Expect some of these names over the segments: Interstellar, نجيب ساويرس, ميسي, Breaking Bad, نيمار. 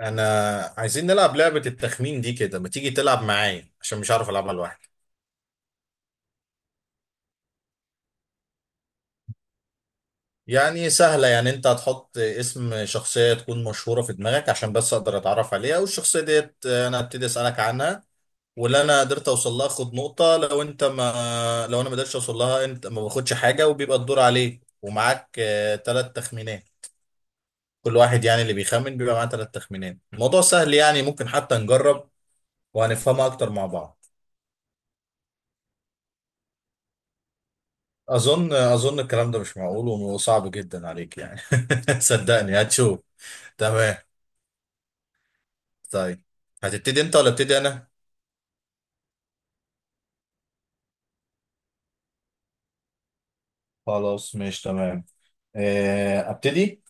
انا عايزين نلعب لعبة التخمين دي كده، ما تيجي تلعب معايا عشان مش عارف العبها لوحدي. يعني سهلة، يعني انت هتحط اسم شخصية تكون مشهورة في دماغك عشان بس اقدر اتعرف عليها، والشخصية ديت انا هبتدي اسألك عنها. واللي انا قدرت اوصل لها اخد نقطة، لو انا ما قدرتش اوصل لها انت ما باخدش حاجة، وبيبقى الدور عليك ومعاك ثلاث تخمينات. كل واحد يعني اللي بيخمن بيبقى معاه ثلاث تخمينات. الموضوع سهل، يعني ممكن حتى نجرب وهنفهمها اكتر مع بعض. اظن الكلام ده مش معقول وصعب جدا عليك يعني. صدقني هتشوف. تمام. طيب، هتبتدي انت ولا ابتدي انا؟ خلاص، مش تمام. ابتدي.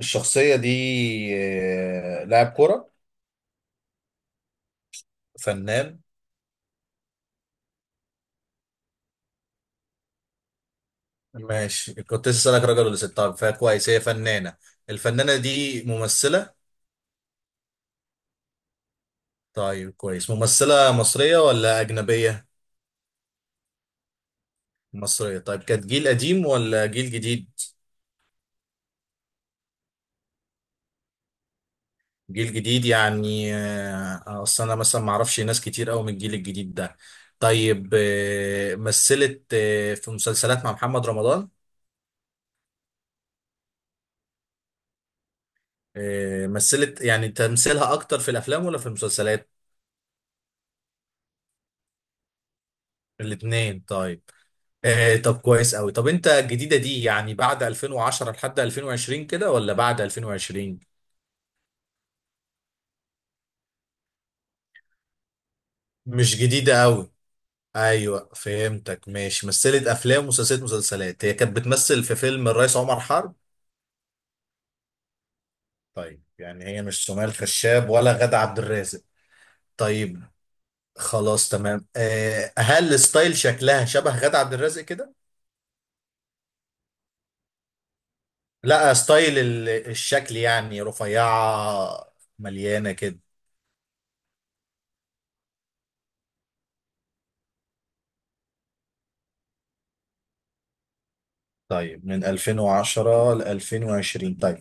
الشخصية دي لاعب كرة؟ فنان؟ ماشي، كنت لسه اسالك راجل ولا ست، طيب فكويس هي فنانة. الفنانة دي ممثلة؟ طيب كويس، ممثلة مصرية ولا أجنبية؟ مصرية، طيب. كانت جيل قديم ولا جيل جديد؟ جيل جديد، يعني اصل انا مثلا ما اعرفش ناس كتير قوي من الجيل الجديد ده. طيب مثلت في مسلسلات مع محمد رمضان؟ مثلت يعني، تمثيلها اكتر في الافلام ولا في المسلسلات؟ الاثنين، طيب. طب كويس قوي. طب انت الجديدة دي يعني بعد 2010 لحد 2020 كده، ولا بعد 2020؟ مش جديدة قوي. ايوه، فهمتك. ماشي، مثلت افلام ومسلسلات. مسلسلات هي كانت بتمثل في فيلم الرئيس عمر حرب؟ طيب يعني هي مش سمية الخشاب ولا غادة عبد الرازق؟ طيب خلاص تمام. هل ستايل شكلها شبه غادة عبد الرازق كده؟ لا، ستايل الشكل، يعني رفيعة، مليانة كده؟ طيب من 2010 ل 2020 طيب.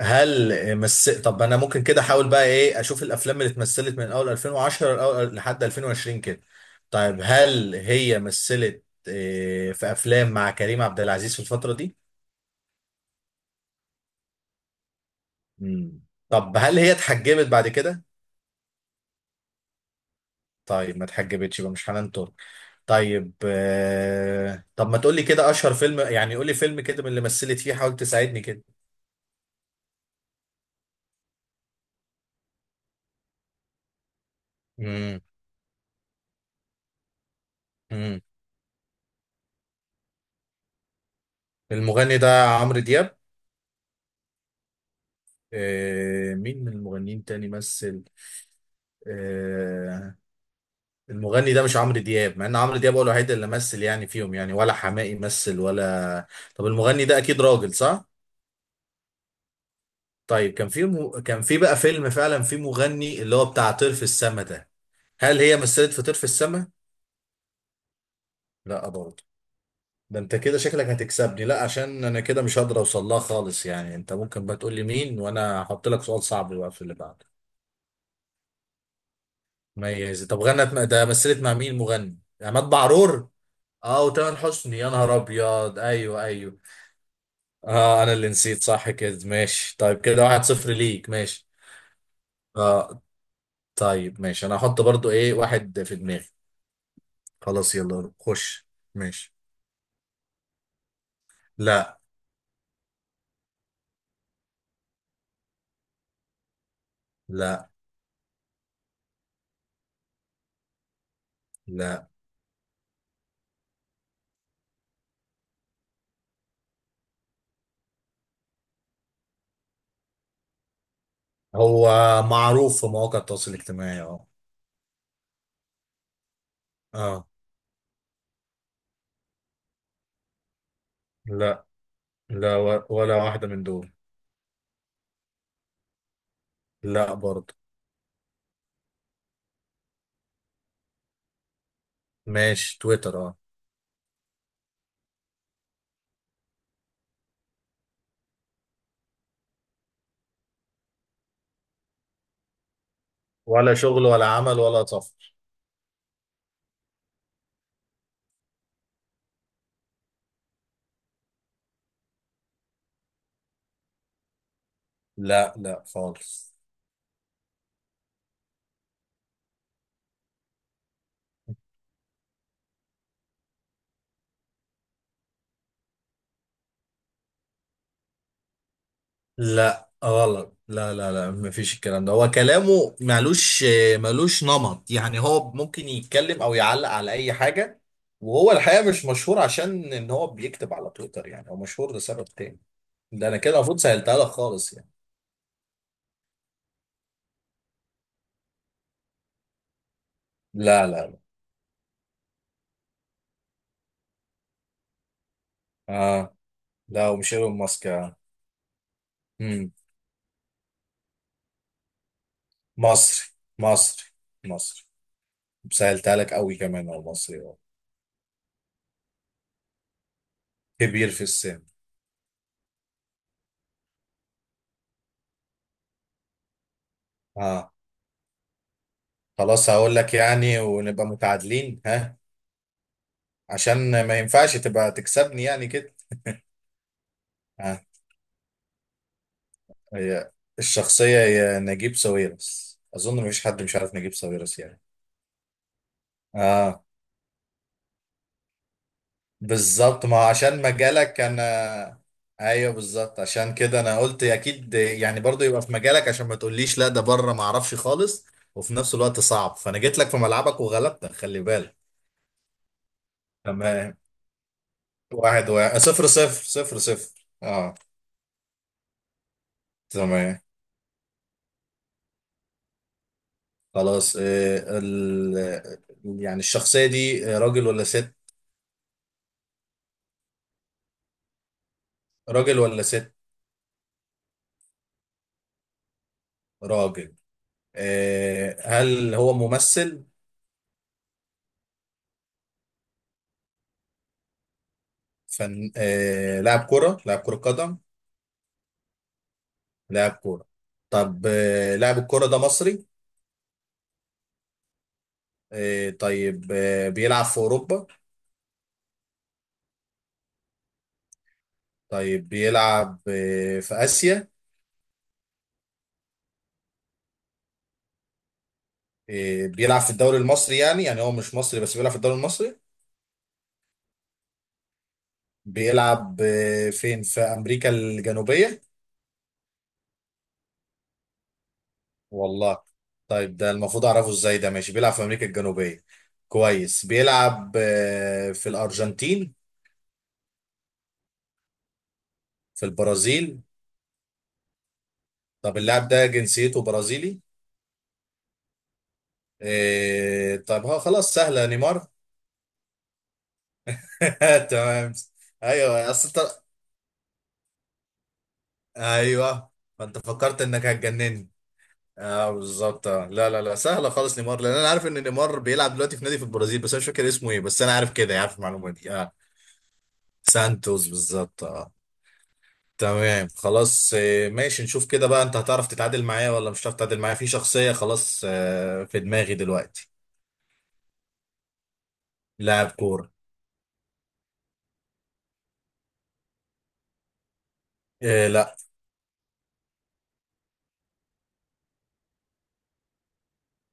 هل مس طب انا ممكن كده احاول بقى ايه، اشوف الافلام اللي اتمثلت من اول 2010 لحد 2020 كده. طيب هل هي مثلت في افلام مع كريم عبد العزيز في الفترة دي؟ مم. طب هل هي اتحجبت بعد كده؟ طيب، ما اتحجبتش يبقى مش حنان ترك. طيب طب ما تقولي كده اشهر فيلم، يعني قولي فيلم كده من اللي مثلت فيه، حاول تساعدني كده. مم. مم. المغني ده عمرو دياب؟ مين من المغنيين تاني مثل؟ آه... المغني ده مش عمرو دياب، مع ان عمرو دياب هو الوحيد اللي مثل يعني فيهم يعني، ولا حماقي مثل ولا. طب المغني ده اكيد راجل صح؟ طيب كان في بقى فيلم فعلا في مغني اللي هو بتاع طرف السما ده. هل هي مثلت فطير في السماء؟ لا برضه. ده انت كده شكلك هتكسبني، لا عشان انا كده مش هقدر اوصل لها خالص يعني. انت ممكن بقى تقول لي مين، وانا هحط لك سؤال صعب بقى في اللي بعده. ميز، طب ده مثلت مع مين مغني؟ عماد بعرور؟ اه، وتامر حسني، يا نهار ابيض، ايوه ايوه. اه انا اللي نسيت، صح كده ماشي، طيب كده واحد صفر ليك ماشي. اه، طيب ماشي، انا هحط برضو ايه واحد في دماغي. خلاص، يلا خش. ماشي. لا، لا لا، هو معروف في مواقع التواصل الاجتماعي، اه. اه. لا. لا، ولا واحدة من دول. لا برضه. ماشي، تويتر اه. ولا شغل ولا عمل ولا سفر. لا لا خالص. لا غلط، لا لا لا، مفيش الكلام ده، هو كلامه مالوش، مالوش نمط، يعني هو ممكن يتكلم او يعلق على اي حاجة. وهو الحقيقة مش مشهور عشان ان هو بيكتب على تويتر، يعني هو مشهور لسبب تاني. ده انا كده المفروض سهلتها لك خالص يعني. لا لا لا. آه. لا، ومش ايلون ماسك يعني. امم مصري. مصري. مصري، سهلتها لك قوي، كمان هو مصري هو. كبير في السن. اه. خلاص هقول لك يعني ونبقى متعادلين، ها، عشان ما ينفعش تبقى تكسبني يعني كده. ها هي الشخصية هي نجيب ساويرس، اظن مفيش حد مش عارف نجيب ساويرس يعني. اه بالظبط، ما عشان مجالك انا. ايوه بالظبط، عشان كده انا قلت اكيد يعني، برضو يبقى في مجالك، عشان ما تقوليش لا ده بره ما اعرفش خالص، وفي نفس الوقت صعب، فانا جيت لك في ملعبك وغلبتك، خلي بالك. تمام، واحد واحد، صفر صفر، صفر صفر، اه. تمام خلاص. يعني الشخصية دي راجل ولا ست؟ راجل ولا ست؟ راجل. إيه، هل هو ممثل؟ إيه، لاعب كرة قدم؟ لاعب كورة. طب لاعب الكورة ده مصري؟ طيب بيلعب في أوروبا؟ طيب بيلعب في آسيا؟ بيلعب في الدوري المصري يعني، هو مش مصري بس بيلعب في الدوري المصري؟ بيلعب فين، في أمريكا الجنوبية؟ والله. طيب ده المفروض أعرفه إزاي، ده ماشي بيلعب في أمريكا الجنوبية. كويس، بيلعب في الأرجنتين؟ في البرازيل؟ طب اللاعب ده جنسيته برازيلي؟ طب هو خلاص سهلة، نيمار. تمام. ايوه اصل انت، ايوه. ما انت فكرت انك هتجنني. اه بالظبط. آه. لا لا لا سهله خالص نيمار، لان انا عارف ان نيمار بيلعب دلوقتي في نادي في البرازيل بس انا مش فاكر اسمه ايه، بس انا عارف كده، عارف المعلومه دي اه. سانتوس، بالظبط اه. تمام خلاص. ماشي، نشوف كده بقى، انت هتعرف تتعادل معايا ولا مش هتعرف تتعادل معايا في شخصيه خلاص في دماغي دلوقتي. لاعب كوره. إيه لا.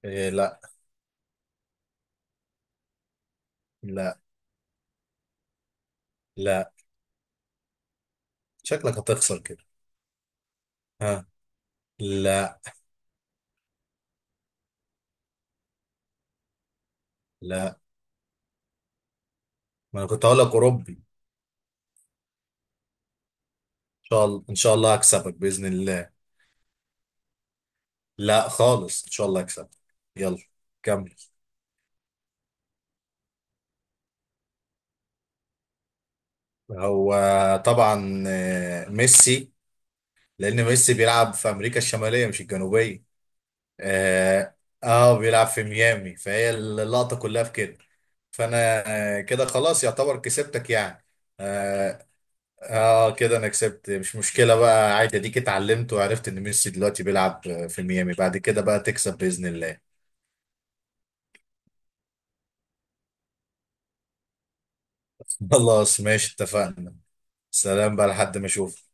إيه لا. لا. لا. شكلك هتخسر كده. ها، لا. لا ما انا كنت هقول لك اوروبي. شاء الله ان شاء الله هكسبك باذن الله. لا خالص، ان شاء الله هكسبك. يلا كمل. هو طبعا ميسي، لان ميسي بيلعب في امريكا الشماليه مش الجنوبيه اه. بيلعب في ميامي فهي اللقطه كلها في كده. فانا كده خلاص يعتبر كسبتك يعني. اه، كده انا كسبت، مش مشكله بقى عادي، اديك اتعلمت وعرفت ان ميسي دلوقتي بيلعب في ميامي، بعد كده بقى تكسب باذن الله. خلاص ماشي، اتفقنا. سلام بقى لحد ما اشوف.